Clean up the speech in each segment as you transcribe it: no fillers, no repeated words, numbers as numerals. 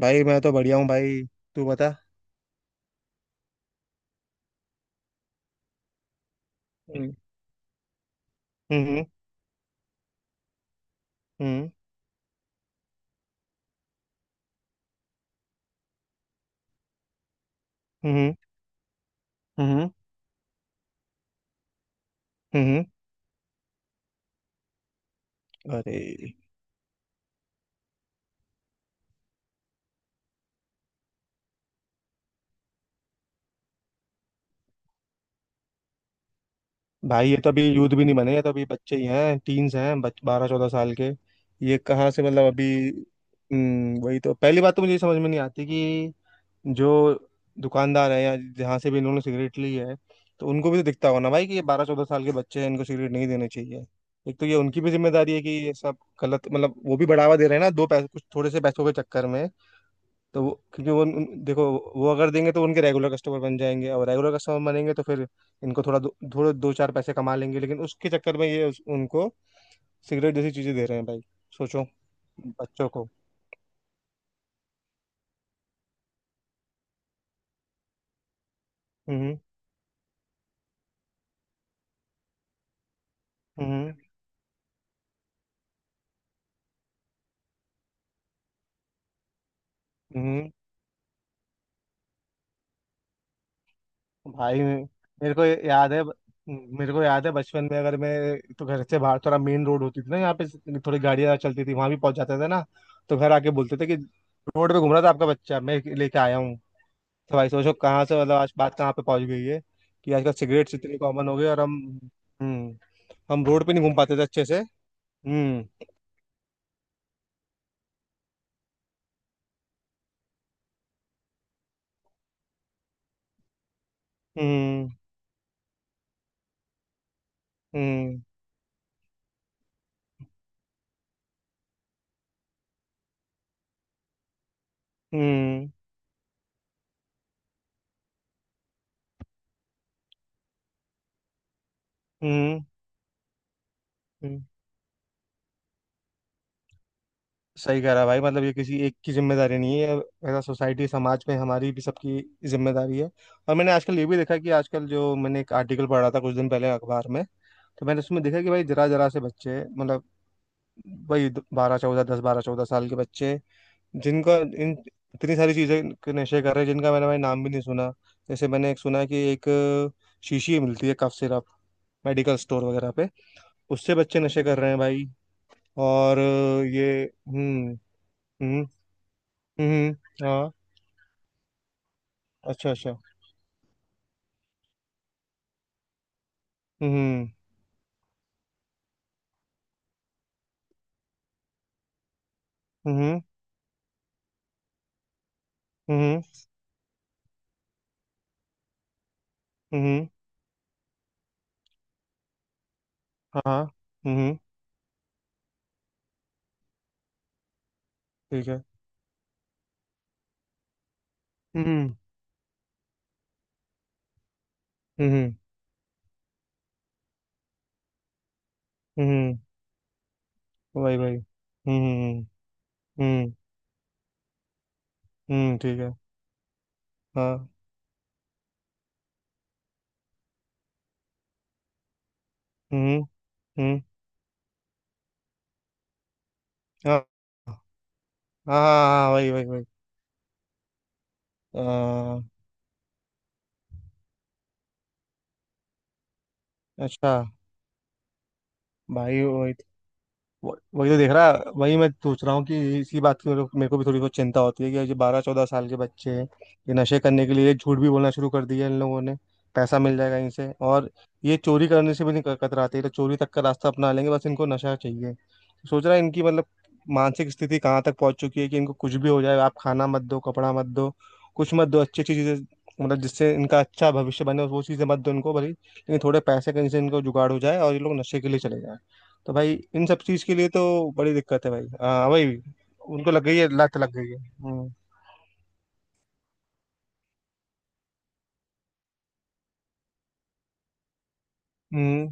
भाई मैं तो बढ़िया हूँ भाई। तू बता। हम्म, हम्म। हम्म। हम्म। हम्म। हम्म। अरे। भाई ये तो अभी यूथ भी नहीं बने, ये तो अभी बच्चे ही हैं, टीन्स हैं, 12 14 साल के। ये कहाँ से मतलब अभी। हम्म, वही तो। पहली बात तो मुझे ये समझ में नहीं आती कि जो दुकानदार है या जहाँ से भी इन्होंने सिगरेट ली है, तो उनको भी तो दिखता होगा ना भाई कि ये 12 14 साल के बच्चे हैं, इनको सिगरेट नहीं देने चाहिए। एक तो ये उनकी भी जिम्मेदारी है कि ये सब गलत, मतलब वो भी बढ़ावा दे रहे हैं ना, दो पैसे कुछ थोड़े से पैसों के चक्कर में। तो वो, क्योंकि वो देखो, वो अगर देंगे तो उनके रेगुलर कस्टमर बन जाएंगे, और रेगुलर कस्टमर बनेंगे तो फिर इनको थोड़ा थोड़े दो चार पैसे कमा लेंगे, लेकिन उसके चक्कर में ये उनको सिगरेट जैसी चीजें दे रहे हैं भाई। सोचो बच्चों को। हम्म। हम्म। हम्म। भाई मेरे को याद है। मेरे को याद है बचपन में, अगर मैं, तो घर से बाहर थोड़ा मेन रोड होती थी ना, यहाँ पे थोड़ी गाड़ियाँ चलती थी, वहां भी पहुंच जाते थे ना। तो घर आके बोलते थे कि रोड पे घूम रहा था आपका बच्चा, मैं लेके आया हूँ। तो भाई सोचो कहाँ से मतलब आज बात कहाँ पे पहुंच गई है कि आजकल सिगरेट्स इतनी कॉमन हो गई, और हम, हम्म। हम रोड पे नहीं घूम पाते थे अच्छे से। हम्म। हम्म। हम्म। हम्म। हम्म। हम्म। सही कह रहा भाई, मतलब ये किसी एक की जिम्मेदारी नहीं है, ऐसा सोसाइटी समाज में हमारी भी सबकी जिम्मेदारी है। और मैंने आजकल ये भी देखा कि आजकल, जो मैंने एक आर्टिकल पढ़ा था कुछ दिन पहले अखबार में, तो मैंने उसमें देखा कि भाई जरा जरा से बच्चे, मतलब वही बारह चौदह, दस बारह चौदह साल के बच्चे, जिनका इन इतनी सारी चीज़ें के नशे कर रहे हैं, जिनका मैंने भाई नाम भी नहीं सुना। जैसे मैंने एक सुना कि एक शीशी मिलती है कफ सिरप, मेडिकल स्टोर वगैरह पे, उससे बच्चे नशे कर रहे हैं भाई। और ये हम्म। हम्म। हम्म। हाँ, अच्छा अच्छा। हम्म। हम्म। हम्म। हम्म। हम्म, हाँ। हम्म। ठीक है। हम्म। हम्म। हम्म। भाई भाई। हम्म। हम्म हम्म, ठीक है। हाँ। हम्म। हम्म। हाँ हाँ हाँ, हाँ, हाँ, वही वही वही। अ, अच्छा भाई, वही। वही तो देख रहा। वही मैं सोच रहा हूँ कि इसी बात की मेरे को भी थोड़ी बहुत चिंता होती है कि ये बारह चौदह साल के बच्चे हैं। ये नशे करने के लिए झूठ भी बोलना शुरू कर दिया इन लोगों ने, पैसा मिल जाएगा इनसे। और ये चोरी करने से भी नहीं कतराते, ये तो चोरी तक का रास्ता अपना लेंगे, बस इनको नशा चाहिए। सोच रहा है इनकी मतलब मानसिक स्थिति कहाँ तक पहुंच चुकी है कि इनको कुछ भी हो जाए, आप खाना मत दो, कपड़ा मत दो, कुछ मत दो अच्छी अच्छी चीजें, मतलब जिससे इनका अच्छा भविष्य बने वो चीजें मत दो इनको भले, लेकिन थोड़े पैसे कहीं से इनको जुगाड़ हो जाए और ये लोग नशे के लिए चले जाए। तो भाई इन सब चीज के लिए तो बड़ी दिक्कत है भाई, हाँ भाई। उनको लग गई है लत, लग गई है। हम्म। हम्म।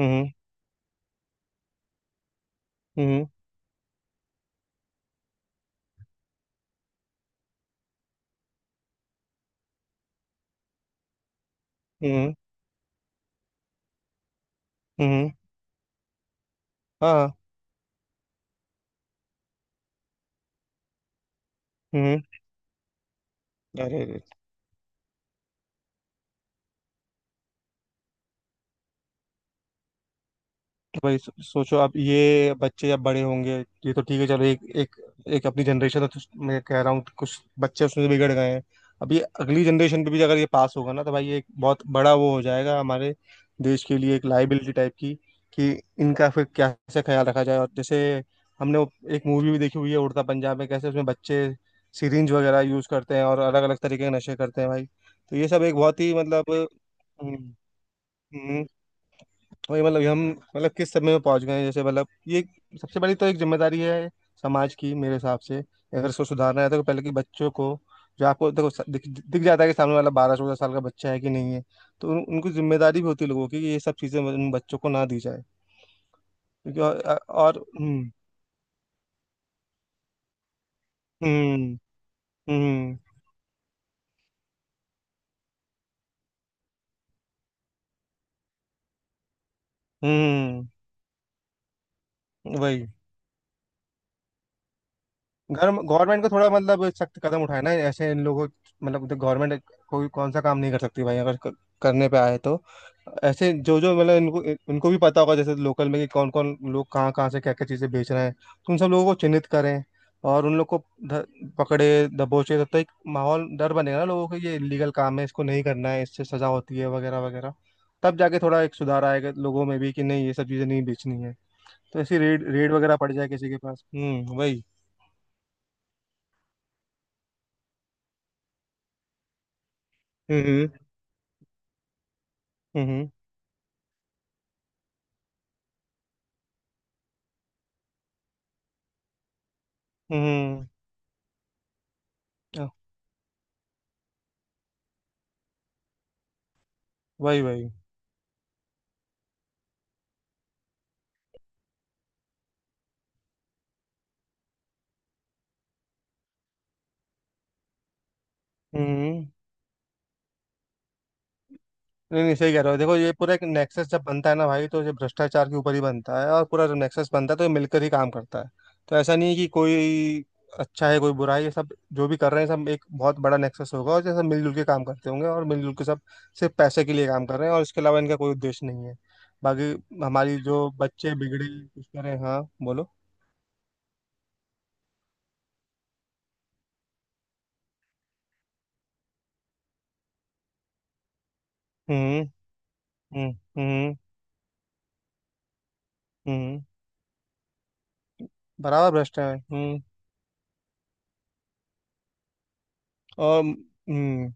हम्म। हम्म। हम्म। हम्म, हाँ। हम्म। अरे अरे। तो भाई सोचो अब ये बच्चे जब बड़े होंगे। ये तो ठीक है, चलो एक एक, एक अपनी जनरेशन है, तो मैं कह रहा हूँ कुछ बच्चे उसमें बिगड़ गए हैं। अब ये अगली जनरेशन पे भी अगर ये पास होगा ना, तो भाई ये एक बहुत बड़ा वो हो जाएगा हमारे देश के लिए, एक लाइबिलिटी टाइप की, कि इनका फिर कैसे ख्याल रखा जाए। और जैसे हमने वो एक मूवी भी देखी हुई है उड़ता पंजाब, में कैसे उसमें बच्चे सिरिंज वगैरह यूज करते हैं और अलग अलग तरीके के नशे करते हैं भाई। तो ये सब एक बहुत ही मतलब। हम्म, वही मतलब, हम मतलब किस समय में पहुंच गए हैं, जैसे मतलब ये सबसे बड़ी तो एक जिम्मेदारी है समाज की मेरे हिसाब से। अगर इसको सुधारना है तो पहले कि बच्चों को, जो आपको देखो दिख जाता है कि सामने वाला 12 14 साल का बच्चा है कि नहीं है, तो उनको जिम्मेदारी भी होती है लोगों की कि ये सब चीजें उन बच्चों को ना दी जाए। क्योंकि और हम्म। हम्म। हम्म। हम्म। वही। गवर्नमेंट को थोड़ा मतलब सख्त कदम उठाना है ऐसे इन लोगों, मतलब गवर्नमेंट कोई कौन सा काम नहीं कर सकती भाई, अगर करने पे आए तो। ऐसे जो जो मतलब इनको इनको भी पता होगा जैसे लोकल में कि कौन कौन लोग कहाँ कहाँ से क्या क्या चीज़ें बेच रहे हैं, तो उन सब लोगों को चिन्हित करें, और उन लोग को ध- पकड़े दबोचे। तब तक एक माहौल डर बनेगा ना लोगों को, ये इलीगल काम है, इसको नहीं करना है, इससे सजा होती है वगैरह वगैरह। तब जाके थोड़ा एक सुधार आएगा लोगों में भी कि नहीं, ये सब चीज़ें नहीं बेचनी है। तो ऐसी रेड रेड वगैरह पड़ जाए किसी के पास। हम्म, वही। हम्म। हम्म। हम्म। अ, वही वही। हम्म। नहीं नहीं, सही कह रहे हो, देखो ये पूरा एक नेक्सस जब बनता है ना भाई, तो ये भ्रष्टाचार के ऊपर ही बनता है, और पूरा जब नेक्सस बनता है तो ये मिलकर ही काम करता है। तो ऐसा नहीं है कि कोई अच्छा है कोई बुरा है, ये सब जो भी कर रहे हैं सब एक बहुत बड़ा नेक्सस होगा, और ये सब मिलजुल के काम करते होंगे, और मिलजुल के सब सिर्फ पैसे के लिए काम कर रहे हैं, और इसके अलावा इनका कोई उद्देश्य नहीं है। बाकी हमारी जो बच्चे बिगड़े कुछ करें, हाँ बोलो। हम्म। हम्म। हम्म। हम्म। बराबर भ्रष्ट है। हम्म। और हम्म।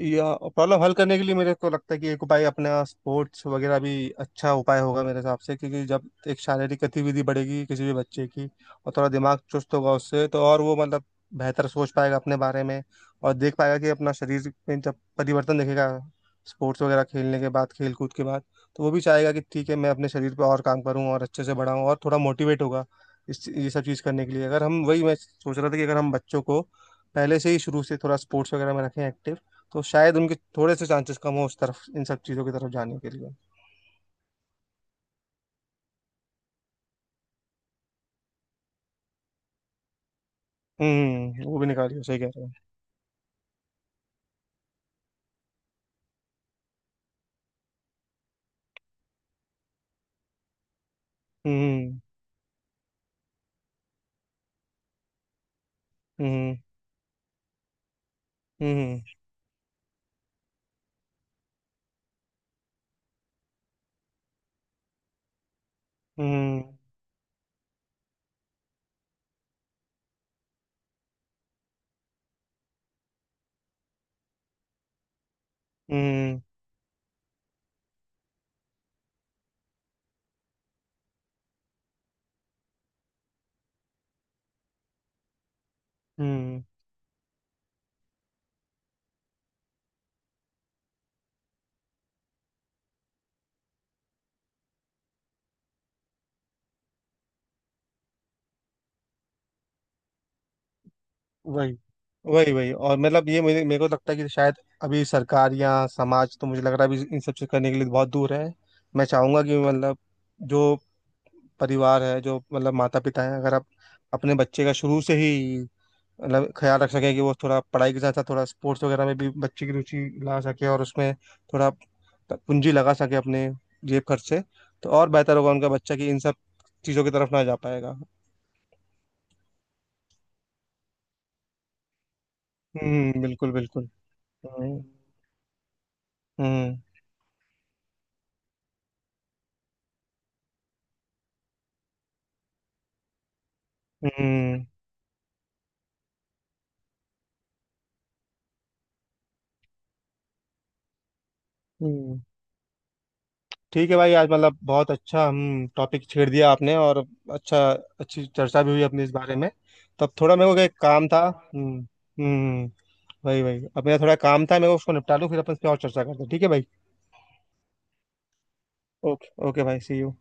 या प्रॉब्लम हल करने के लिए मेरे को लगता है कि एक उपाय अपना स्पोर्ट्स वगैरह भी अच्छा उपाय होगा मेरे हिसाब से, क्योंकि जब एक शारीरिक गतिविधि बढ़ेगी किसी भी बच्चे की, और थोड़ा दिमाग चुस्त होगा उससे, तो और वो मतलब बेहतर सोच पाएगा अपने बारे में, और देख पाएगा कि अपना शरीर में जब परिवर्तन देखेगा स्पोर्ट्स वगैरह खेलने के बाद, खेल कूद के बाद, तो वो भी चाहेगा कि ठीक है मैं अपने शरीर पर और काम करूँ और अच्छे से बढ़ाऊँ, और थोड़ा मोटिवेट होगा इस ये सब चीज़ करने के लिए। अगर हम, वही मैं सोच रहा था कि अगर हम बच्चों को पहले से ही शुरू से थोड़ा स्पोर्ट्स वगैरह में रखें एक्टिव, तो शायद उनके थोड़े से चांसेस कम हो उस तरफ, इन सब चीजों की तरफ जाने के लिए। हम्म, वो भी निकाली हो, सही कह रहे हो। हम्म। हम्म। हम्म। हम्म। हम्म। हम्म, वही वही वही। और मतलब ये मुझे मेरे को लगता है कि शायद अभी सरकार या समाज, तो मुझे लग रहा है अभी इन सब चीज करने के लिए बहुत दूर है। मैं चाहूंगा कि मतलब जो परिवार है, जो मतलब माता पिता है, अगर आप अपने बच्चे का शुरू से ही मतलब ख्याल रख सके कि वो थोड़ा पढ़ाई के साथ साथ थोड़ा स्पोर्ट्स वगैरह में भी बच्चे की रुचि ला सके, और उसमें थोड़ा पूंजी लगा सके अपने जेब खर्च से, तो और बेहतर होगा उनका बच्चा कि इन सब चीज़ों की तरफ ना जा पाएगा। हम्म, बिल्कुल बिल्कुल। हम्म। हम्म। हम्म। हम्म। ठीक है भाई, आज मतलब बहुत अच्छा हम टॉपिक छेड़ दिया आपने, और अच्छा, अच्छी चर्चा भी हुई अपनी इस बारे में। तब थोड़ा मेरे को एक काम था। हम्म। हम्म। वही वही, अब मेरा थोड़ा काम था, मैं उसको निपटा लूँ फिर अपन इस पे और चर्चा करते हैं, ठीक है भाई। ओके ओके भाई, सी यू।